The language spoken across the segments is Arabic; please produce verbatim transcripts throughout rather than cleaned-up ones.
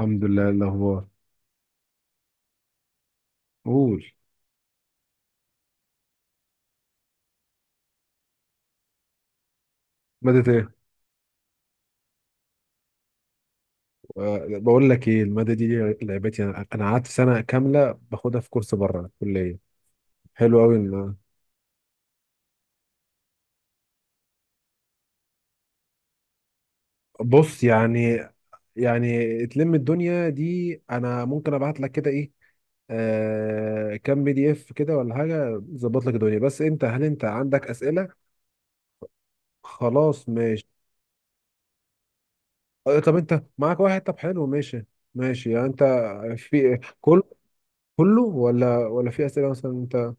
الحمد لله. إيه الاخبار؟ قول. مادة ايه؟ آه، بقول لك ايه المادة دي، لعبتي. انا انا قعدت سنة كاملة باخدها في كورس بره الكلية، حلو قوي. ان بص، يعني يعني تلم الدنيا دي انا ممكن ابعت لك كده ايه، آه، كام بي دي اف كده ولا حاجة، ظبط لك الدنيا. بس انت، هل انت عندك اسئلة؟ خلاص ماشي. آه، طب انت معاك واحد؟ طب حلو، ماشي. ماشي يعني انت في كل كله ولا ولا في اسئلة مثلا انت؟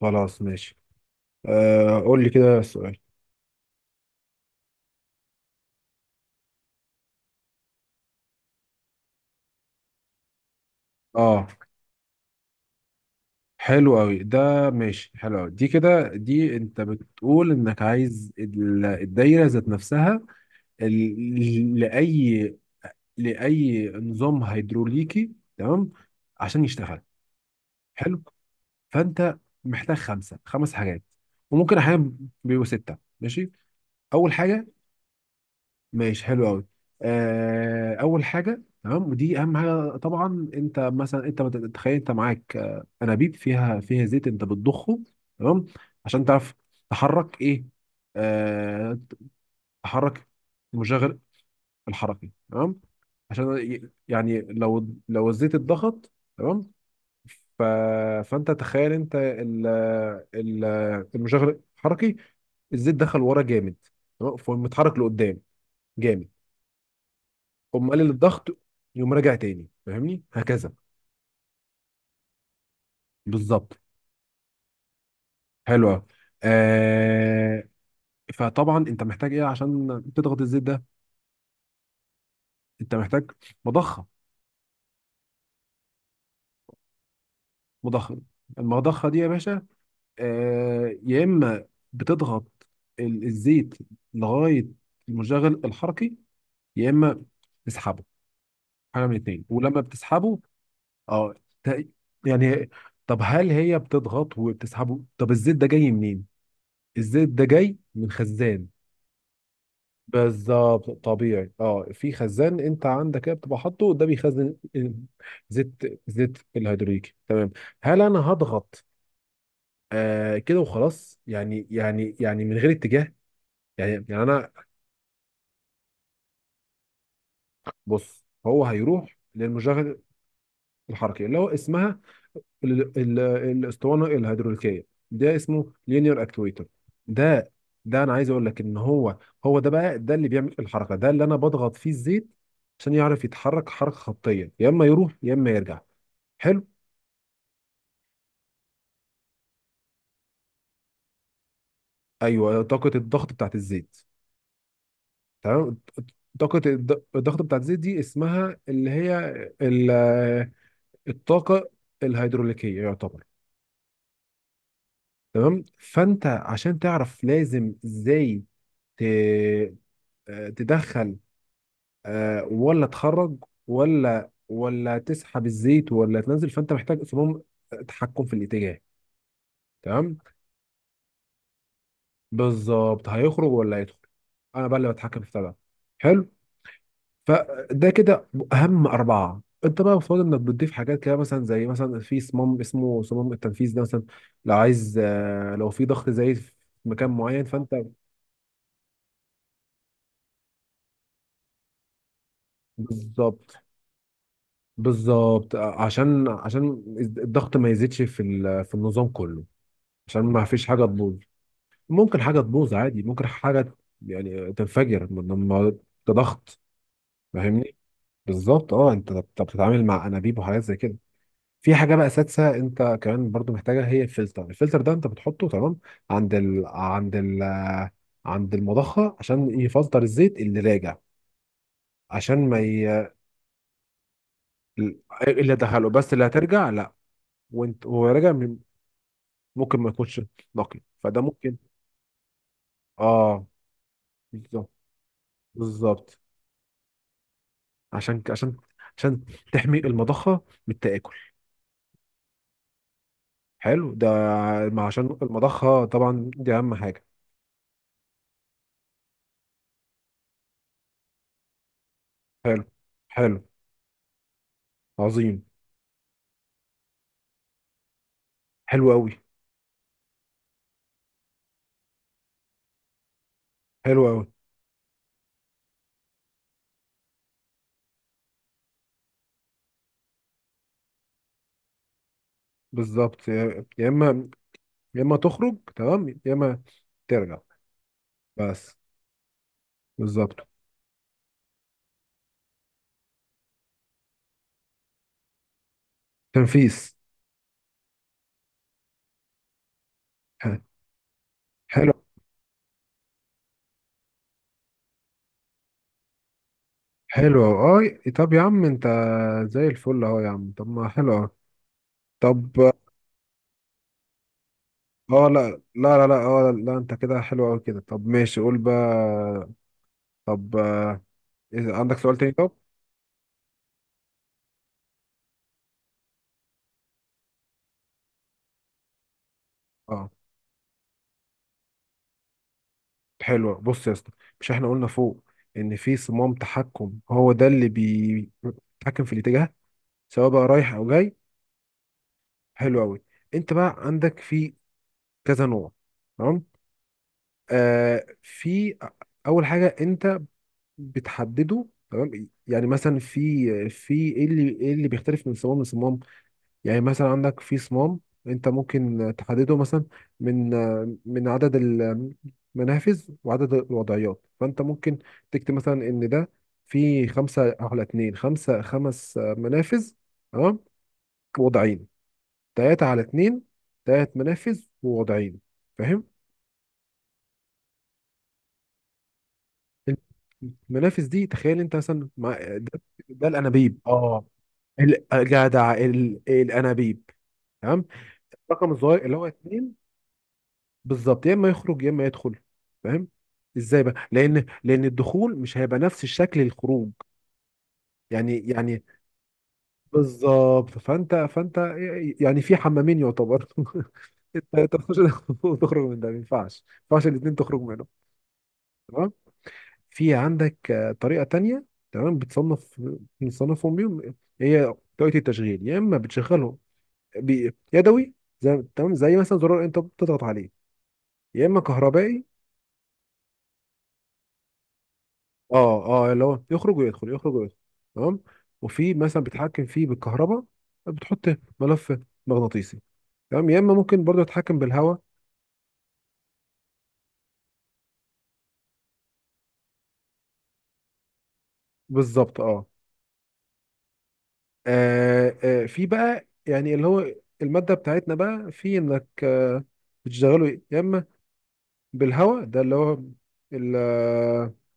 خلاص ماشي. آه قول لي كده السؤال. اه حلو قوي ده، ماشي. حلو قوي دي كده، دي انت بتقول انك عايز ال- الدايره ذات نفسها، ال- لاي لاي نظام هيدروليكي، تمام؟ عشان يشتغل. حلو، فانت محتاج خمسه خمس حاجات، وممكن احيانا بيبقوا سته، ماشي. اول حاجه، ماشي حلو قوي. آه، اول حاجه تمام، ودي اهم حاجه طبعا. انت مثلا انت مت- تخيل انت معاك آه، انابيب فيها فيها زيت، انت بتضخه تمام، عشان تعرف تحرك ايه؟ آه، تحرك المشغل الحركي تمام، عشان ي- يعني لو لو الزيت اتضغط تمام. ف... فانت تخيل انت ال... ال... المشغل الحركي، الزيت دخل ورا جامد تمام، فمتحرك لقدام جامد. قوم قلل الضغط، يقوم راجع تاني. فاهمني هكذا؟ بالظبط، حلو قوي. آه، فطبعا انت محتاج ايه عشان تضغط الزيت ده؟ انت محتاج مضخه. مضخه المضخه دي يا باشا، آه، يا اما بتضغط ال- الزيت لغايه المشغل الحركي، يا اما تسحبه، حاجه من اتنين. ولما بتسحبه اه ت- يعني، طب هل هي بتضغط وبتسحبه؟ طب الزيت ده جاي منين؟ الزيت ده جاي من خزان. بالظبط طبيعي، اه في خزان انت عندك كده بتبقى حاطه، ده بيخزن ال- زيت، زيت الهيدروليكي تمام. هل انا هضغط آه كده وخلاص، يعني يعني يعني من غير اتجاه؟ يعني يعني انا بص، هو هيروح للمشغل الحركي اللي هو اسمها ال- ال- الاسطوانه الهيدروليكيه، ده اسمه لينير اكتويتر. ده ده انا عايز اقول لك ان هو، هو ده بقى ده اللي بيعمل الحركه، ده اللي انا بضغط فيه الزيت عشان يعرف يتحرك حركه خطيه، يا اما يروح يا اما يرجع. حلو. ايوه، طاقه الضغط بتاعت الزيت، تمام. طاقه الض- الضغط بتاعت الزيت دي اسمها اللي هي ال- الطاقه الهيدروليكيه يعتبر، تمام. فانت عشان تعرف لازم ازاي ت- تدخل آه، ولا تخرج، ولا ولا تسحب الزيت، ولا تنزل، فانت محتاج اصلا تحكم في الاتجاه، تمام. بالظبط، هيخرج ولا هيدخل؟ انا بقى اللي بتحكم في بتاع ده. حلو. فده كده اهم اربعه. انت بقى المفروض انك بتضيف حاجات كده، مثلا زي مثلا في صمام اسمه صمام التنفيذ ده مثلا، لو عايز، آه، لو في ضغط زايد في مكان معين، فانت بالظبط. بالظبط آه، عشان عشان الضغط ما يزيدش في ال- في النظام كله، عشان ما فيش حاجه تبوظ. ممكن حاجة تبوظ عادي، ممكن حاجة يعني تنفجر من لما كضغط. فاهمني؟ بالظبط، اه. انت بت- بتتعامل مع انابيب وحاجات زي كده. في حاجة بقى سادسة انت كمان برضو محتاجها، هي الفلتر. الفلتر ده انت بتحطه تمام عند ال... عند ال... عند المضخة، عشان يفلتر الزيت اللي راجع، عشان ما ي... اللي دخله بس، اللي هترجع لا. وانت وهو راجع ممكن ما يكونش نقي، فده ممكن. اه، بالظبط. بالظبط عشان عشان عشان تحمي المضخة من التآكل. حلو ده، ما عشان المضخة طبعا دي أهم حاجة. حلو. حلو، عظيم. حلو أوي. حلو أوي، بالظبط. يا يا إما يا إما تخرج تمام، يا إما ترجع. بس. بالظبط. تنفيس. ح- حلو. حلو أوي، أه. طب يا عم أنت زي الفل أهو يا عم، طب ما حلو أوي. طب أه، لا. لا لا لا أه لا، أنت كده حلو أوي كده، طب ماشي قول بقى. طب إذا عندك سؤال تاني، طب. اه حلو، بص يا اسطى، مش احنا قلنا فوق ان في صمام تحكم، هو ده اللي بيتحكم في الاتجاه سواء بقى رايح او جاي؟ حلو قوي، انت بقى عندك في كذا نوع، تمام. آه، في اول حاجه انت بتحدده تمام، يعني مثلا في في ايه اللي ايه اللي بيختلف من صمام لصمام؟ يعني مثلا عندك في صمام انت ممكن تحدده مثلا من من عدد المنافذ وعدد الوضعيات. فانت ممكن تكتب مثلا ان ده في خمسة على اتنين، خمسة خمس منافذ تمام، وضعين. تلاتة على اتنين، تلات منافذ ووضعين، فاهم؟ المنافذ دي تخيل انت مثلا مع ده، ده الانابيب اه، الجدع الانابيب تمام. الرقم الصغير اللي هو اتنين، بالظبط يا اما يخرج يا اما يدخل، فاهم؟ ازاي بقى؟ لان لان الدخول مش هيبقى نفس الشكل الخروج، يعني يعني بالظبط. فانت فانت يعني في حمامين يعتبر انت تخش وتخرج من ده، ما ينفعش. ما ينفعش الاثنين تخرج منهم. تمام. في عندك آه، طريقه تانية تمام بتصنف، بنصنفهم بيهم، هي طريقه التشغيل. يا اما بتشغله بي- يدوي، زي تمام زي مثلا زرار انت بتضغط عليه، يا اما كهربائي. اه اه، اللي هو يخرج ويدخل، يخرج ويدخل تمام. وفي مثلا بيتحكم فيه بالكهرباء، بتحط ملف مغناطيسي تمام، يا اما ممكن برضه يتحكم بالهواء. بالظبط اه. آه، آه، في بقى يعني اللي هو المادة بتاعتنا بقى، في انك آه، بتشتغله يا اما بالهواء، ده اللي هو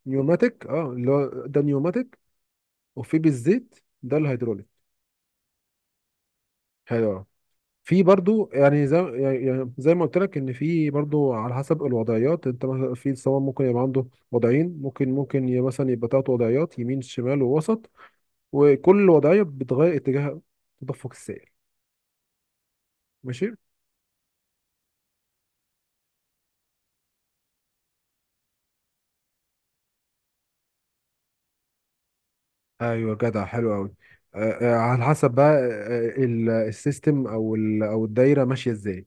النيوماتيك. اه، اللي هو ده نيوماتيك، وفي بالزيت، ده الهيدروليك. حلو. في برضو يعني زي يعني زي ما قلت لك ان في برضو على حسب الوضعيات. انت مثلا في الصواب ممكن يبقى عنده وضعين، ممكن ممكن ي- مثلا يبقى تلات وضعيات يمين شمال ووسط، وكل وضعيه بتغير اتجاه تدفق السائل، ماشي. ايوه جدع، حلو قوي. على حسب بقى آه، ال- السيستم او ال- او الدايره ماشيه ازاي.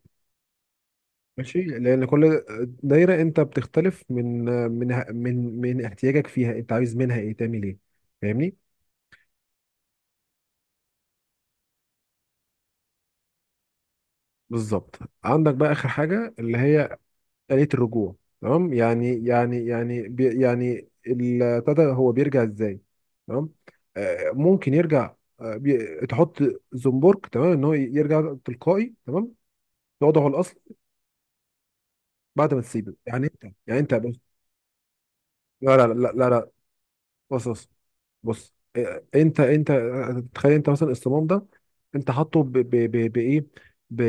ماشي، لان كل دايره انت بتختلف من من من من احتياجك فيها، انت عايز منها ايه تعمل ايه، فاهمني؟ بالظبط. عندك بقى آخر حاجة اللي هي آلية الرجوع، تمام. يعني يعني يعني بي يعني ابتدى هو بيرجع ازاي، تمام. آه، ممكن يرجع آه بي تحط زنبرك تمام، ان هو يرجع تلقائي تمام لوضعه الاصل بعد ما تسيبه. يعني انت، يعني انت بص. لا لا لا لا لا بص. بص بص آه، انت انت آه، تخيل انت مثلا الصمام ده انت حاطه ب- ب- ب- بايه ب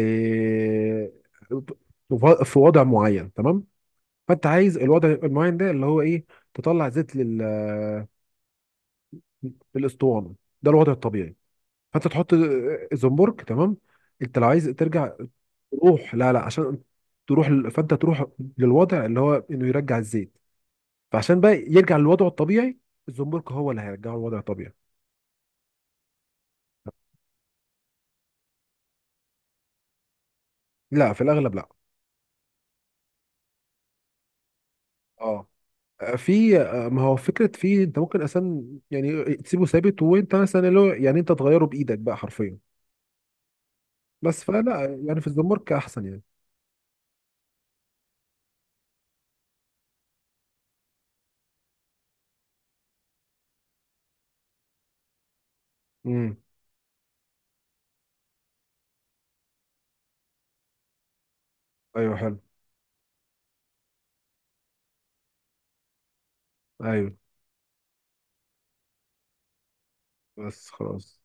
في وضع معين تمام، فانت عايز الوضع المعين ده اللي هو ايه، تطلع زيت لل للاسطوانه، ده الوضع الطبيعي. فانت تحط زنبرك تمام. انت لو عايز ترجع تروح، لا لا عشان تروح ل- فانت تروح للوضع اللي هو انه يرجع الزيت. فعشان بقى يرجع للوضع الطبيعي، الزنبرك هو اللي هيرجعه للوضع الطبيعي. لا، في الاغلب لا. اه في، ما هو فكره في، انت ممكن اصلا يعني تسيبه ثابت، وانت مثلا اللي هو يعني انت تغيره بايدك بقى حرفيا. بس فلا، يعني في الزنبرك احسن يعني. مم. ايوه حلو. ايوه بس خلاص.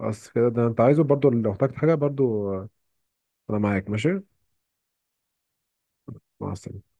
بس كده. ده انت عايزه، برضو لو احتجت حاجة برضو آه، انا معاك ماشي. مع السلامة.